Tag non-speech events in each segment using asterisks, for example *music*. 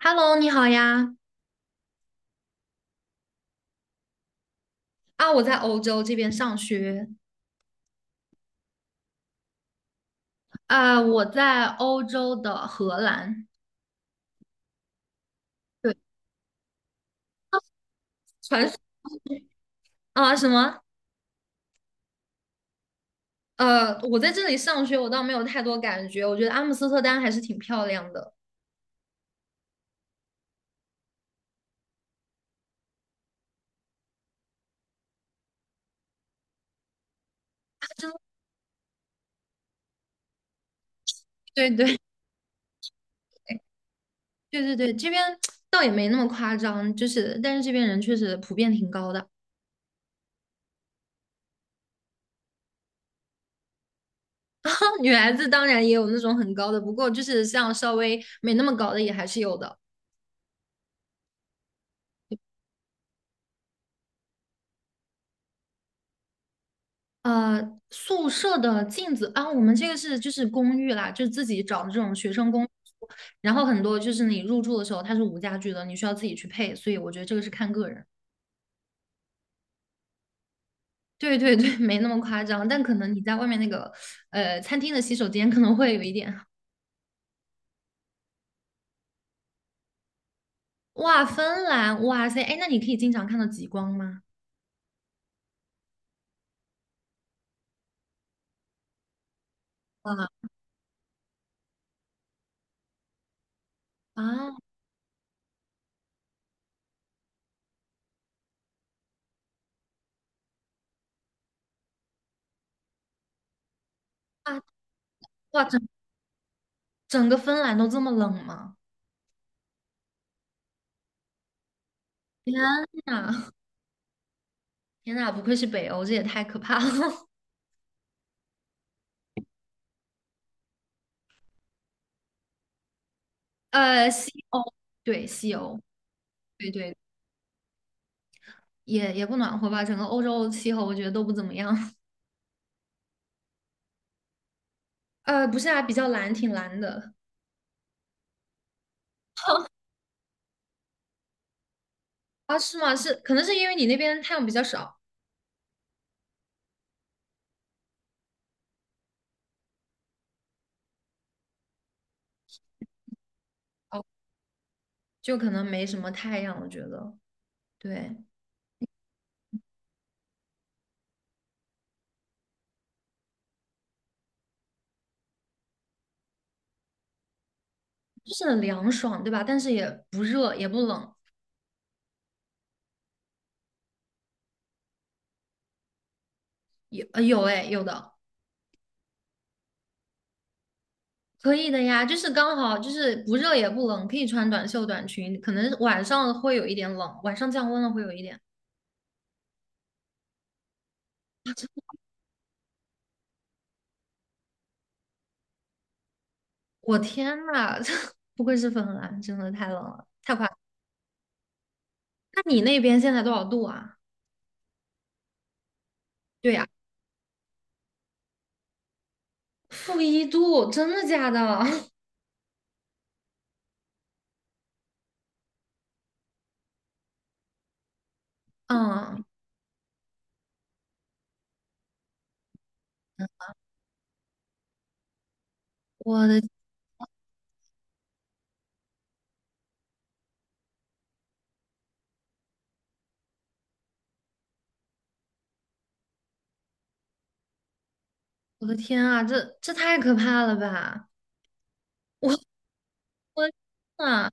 Hello，你好呀！啊，我在欧洲这边上学，啊，我在欧洲的荷兰。对，传说。啊什么？我在这里上学，我倒没有太多感觉。我觉得阿姆斯特丹还是挺漂亮的。真的对对对对对，这边倒也没那么夸张，就是但是这边人确实普遍挺高的。*laughs* 女孩子当然也有那种很高的，不过就是像稍微没那么高的也还是有的。宿舍的镜子啊，我们这个是就是公寓啦，就是自己找的这种学生公寓，然后很多就是你入住的时候它是无家具的，你需要自己去配，所以我觉得这个是看个人。对对对，*laughs* 没那么夸张，但可能你在外面那个餐厅的洗手间可能会有一点。哇，芬兰，哇塞，哎，那你可以经常看到极光吗？哇，啊，啊，哇，整个芬兰都这么冷吗？天呐，天呐，不愧是北欧，这也太可怕了。*laughs* 西欧，对，西欧。对对，也不暖和吧，整个欧洲气候我觉得都不怎么样。*laughs* 不是啊，比较蓝，挺蓝的。啊，是吗？是，可能是因为你那边太阳比较少，哦，就可能没什么太阳，我觉得，对，就是很凉爽，对吧？但是也不热，也不冷，有哎，有的可以的呀，就是刚好就是不热也不冷，可以穿短袖短裙，可能晚上会有一点冷，晚上降温了会有一点。我天呐，*laughs* 不愧是芬兰，真的太冷了，太夸张。那你那边现在多少度啊？对呀。-1度，真的假的？*laughs* 嗯，我的我的天啊，这太可怕了吧！我我的天啊，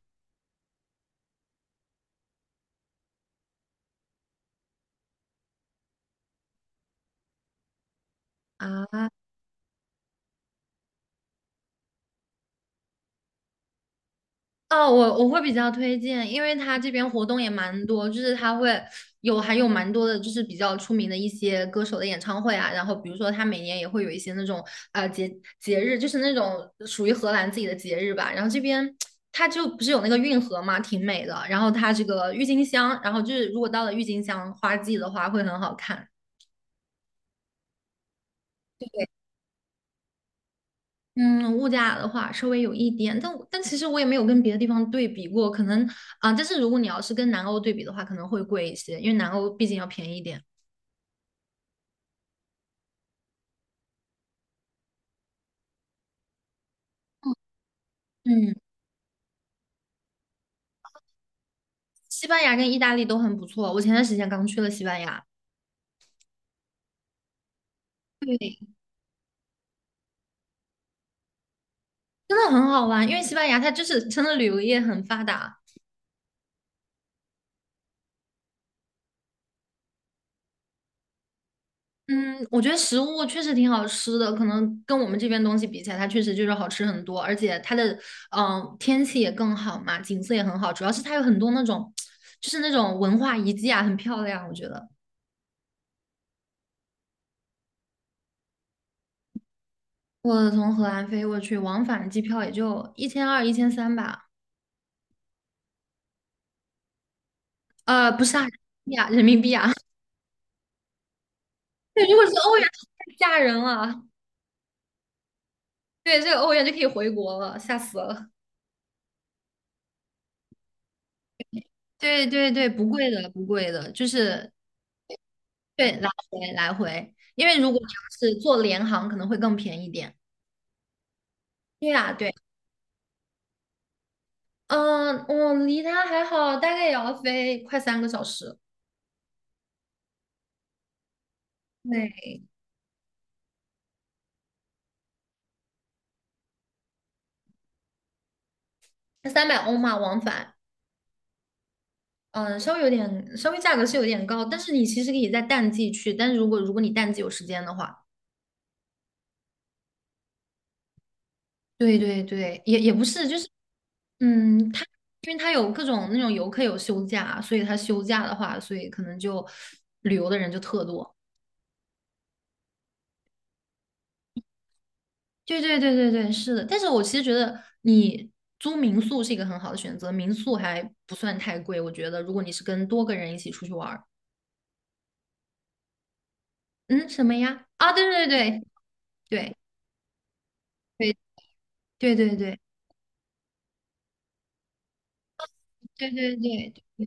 啊！哦，我会比较推荐，因为它这边活动也蛮多，就是它会有还有蛮多的，就是比较出名的一些歌手的演唱会啊。然后比如说，它每年也会有一些那种呃节节日，就是那种属于荷兰自己的节日吧。然后这边它就不是有那个运河嘛，挺美的。然后它这个郁金香，然后就是如果到了郁金香花季的话，会很好看。嗯，物价的话稍微有一点，但其实我也没有跟别的地方对比过，可能啊、但是如果你要是跟南欧对比的话，可能会贵一些，因为南欧毕竟要便宜一点。嗯，西班牙跟意大利都很不错，我前段时间刚去了西班牙，对，真的很好玩，因为西班牙它就是真的旅游业很发达，嗯，我觉得食物确实挺好吃的，可能跟我们这边东西比起来，它确实就是好吃很多，而且它的天气也更好嘛，景色也很好，主要是它有很多那种就是那种文化遗迹啊，很漂亮，我觉得。我从荷兰飞过去，往返机票也就1200、1300吧，不是啊，呀，人民币啊，*laughs* 对，如果是欧元，太吓人了，对，这个欧元就可以回国了，吓死了。对对对，不贵的，不贵的，就是对，来回来回，因为如果你要是坐联航，可能会更便宜点。对呀，对，嗯，我离它还好，大概也要飞快3个小时。对，300欧嘛，往返，嗯，稍微有点，稍微价格是有点高，但是你其实可以在淡季去，但是如果你淡季有时间的话，对对对，也也不是，就是嗯，因为它有各种那种游客有休假，所以它休假的话，所以可能就旅游的人就特多。对对对对对，是的。但是我其实觉得你租民宿是一个很好的选择，民宿还不算太贵。我觉得如果你是跟多个人一起出去玩儿，嗯，什么呀？啊，对对对对对对对对对对对对，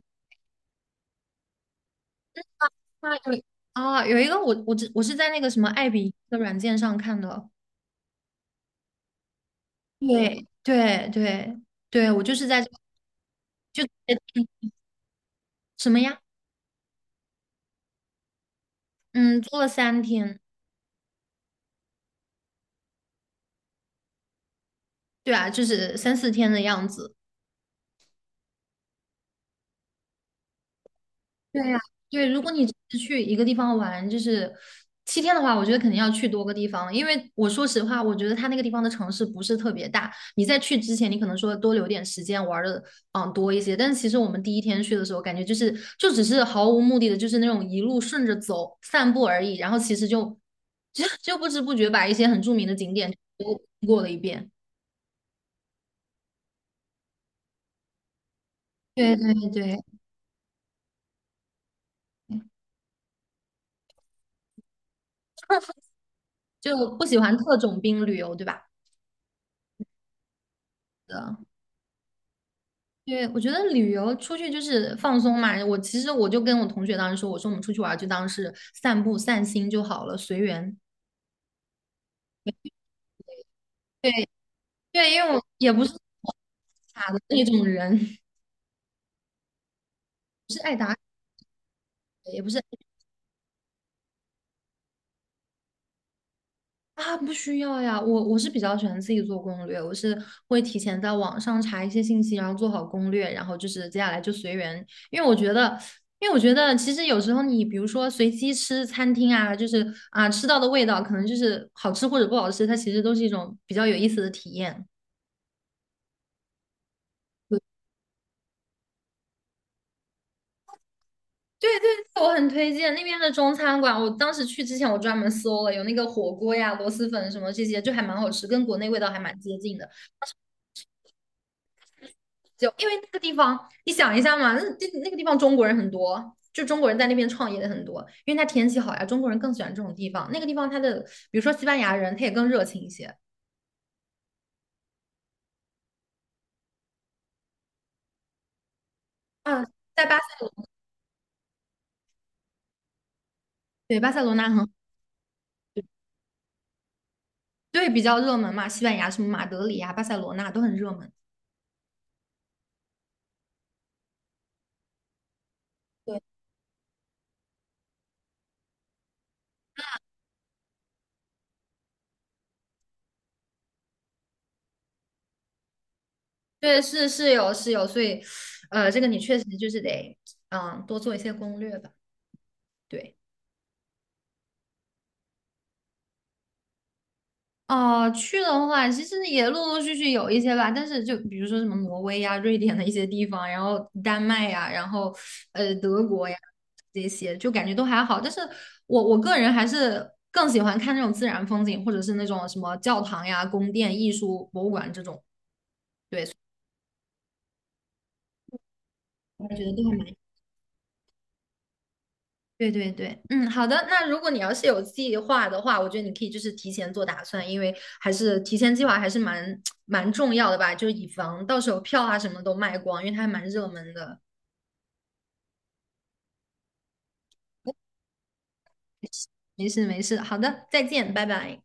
那有啊，有一个我是在那个什么爱彼迎的软件上看的，对对对对，我就是在这就什么呀？嗯，租了3天，对啊，就是3、4天的样子。对呀，对，如果你只是去一个地方玩，就是7天的话，我觉得肯定要去多个地方，因为我说实话，我觉得它那个地方的城市不是特别大。你在去之前，你可能说多留点时间玩的，嗯，多一些。但是其实我们第一天去的时候，感觉就是就只是毫无目的的，就是那种一路顺着走散步而已。然后其实就 *laughs* 就不知不觉把一些很著名的景点都过了一遍。对对对，就不喜欢特种兵旅游，对吧？的。对，我觉得旅游出去就是放松嘛。我其实我就跟我同学当时说，我说我们出去玩儿就当是散步散心就好了，随缘。对对，因为我也不是傻的那种人，*laughs* 也不是啊，不需要呀。我是比较喜欢自己做攻略，我是会提前在网上查一些信息，然后做好攻略，然后就是接下来就随缘。因为我觉得，因为我觉得，其实有时候你比如说随机吃餐厅啊，就是啊吃到的味道可能就是好吃或者不好吃，它其实都是一种比较有意思的体验。对对对，我很推荐那边的中餐馆。我当时去之前，我专门搜了，有那个火锅呀、螺蛳粉什么这些，就还蛮好吃，跟国内味道还蛮接近的。就因为那个地方，你想一下嘛，那个地方中国人很多，就中国人在那边创业的很多，因为它天气好呀，中国人更喜欢这种地方。那个地方它的，比如说西班牙人，他也更热情一些。啊，在巴塞罗，对，巴塞罗那很，对，比较热门嘛，西班牙什么马德里呀、巴塞罗那都很热门。对对，是是有是有，所以，这个你确实就是得，嗯，多做一些攻略吧。对，哦，去的话，其实也陆陆续续有一些吧，但是就比如说什么挪威呀、瑞典的一些地方，然后丹麦呀，然后德国呀这些，就感觉都还好。但是我个人还是更喜欢看那种自然风景，或者是那种什么教堂呀、宫殿、艺术博物馆这种，我觉得都还蛮。对对对，嗯，好的。那如果你要是有计划的话，我觉得你可以就是提前做打算，因为还是提前计划还是*tsk* 蛮重要的吧，就是以防到时候票啊什么都卖光，因为它还蛮热门的。没事没事，好的，再见，拜拜。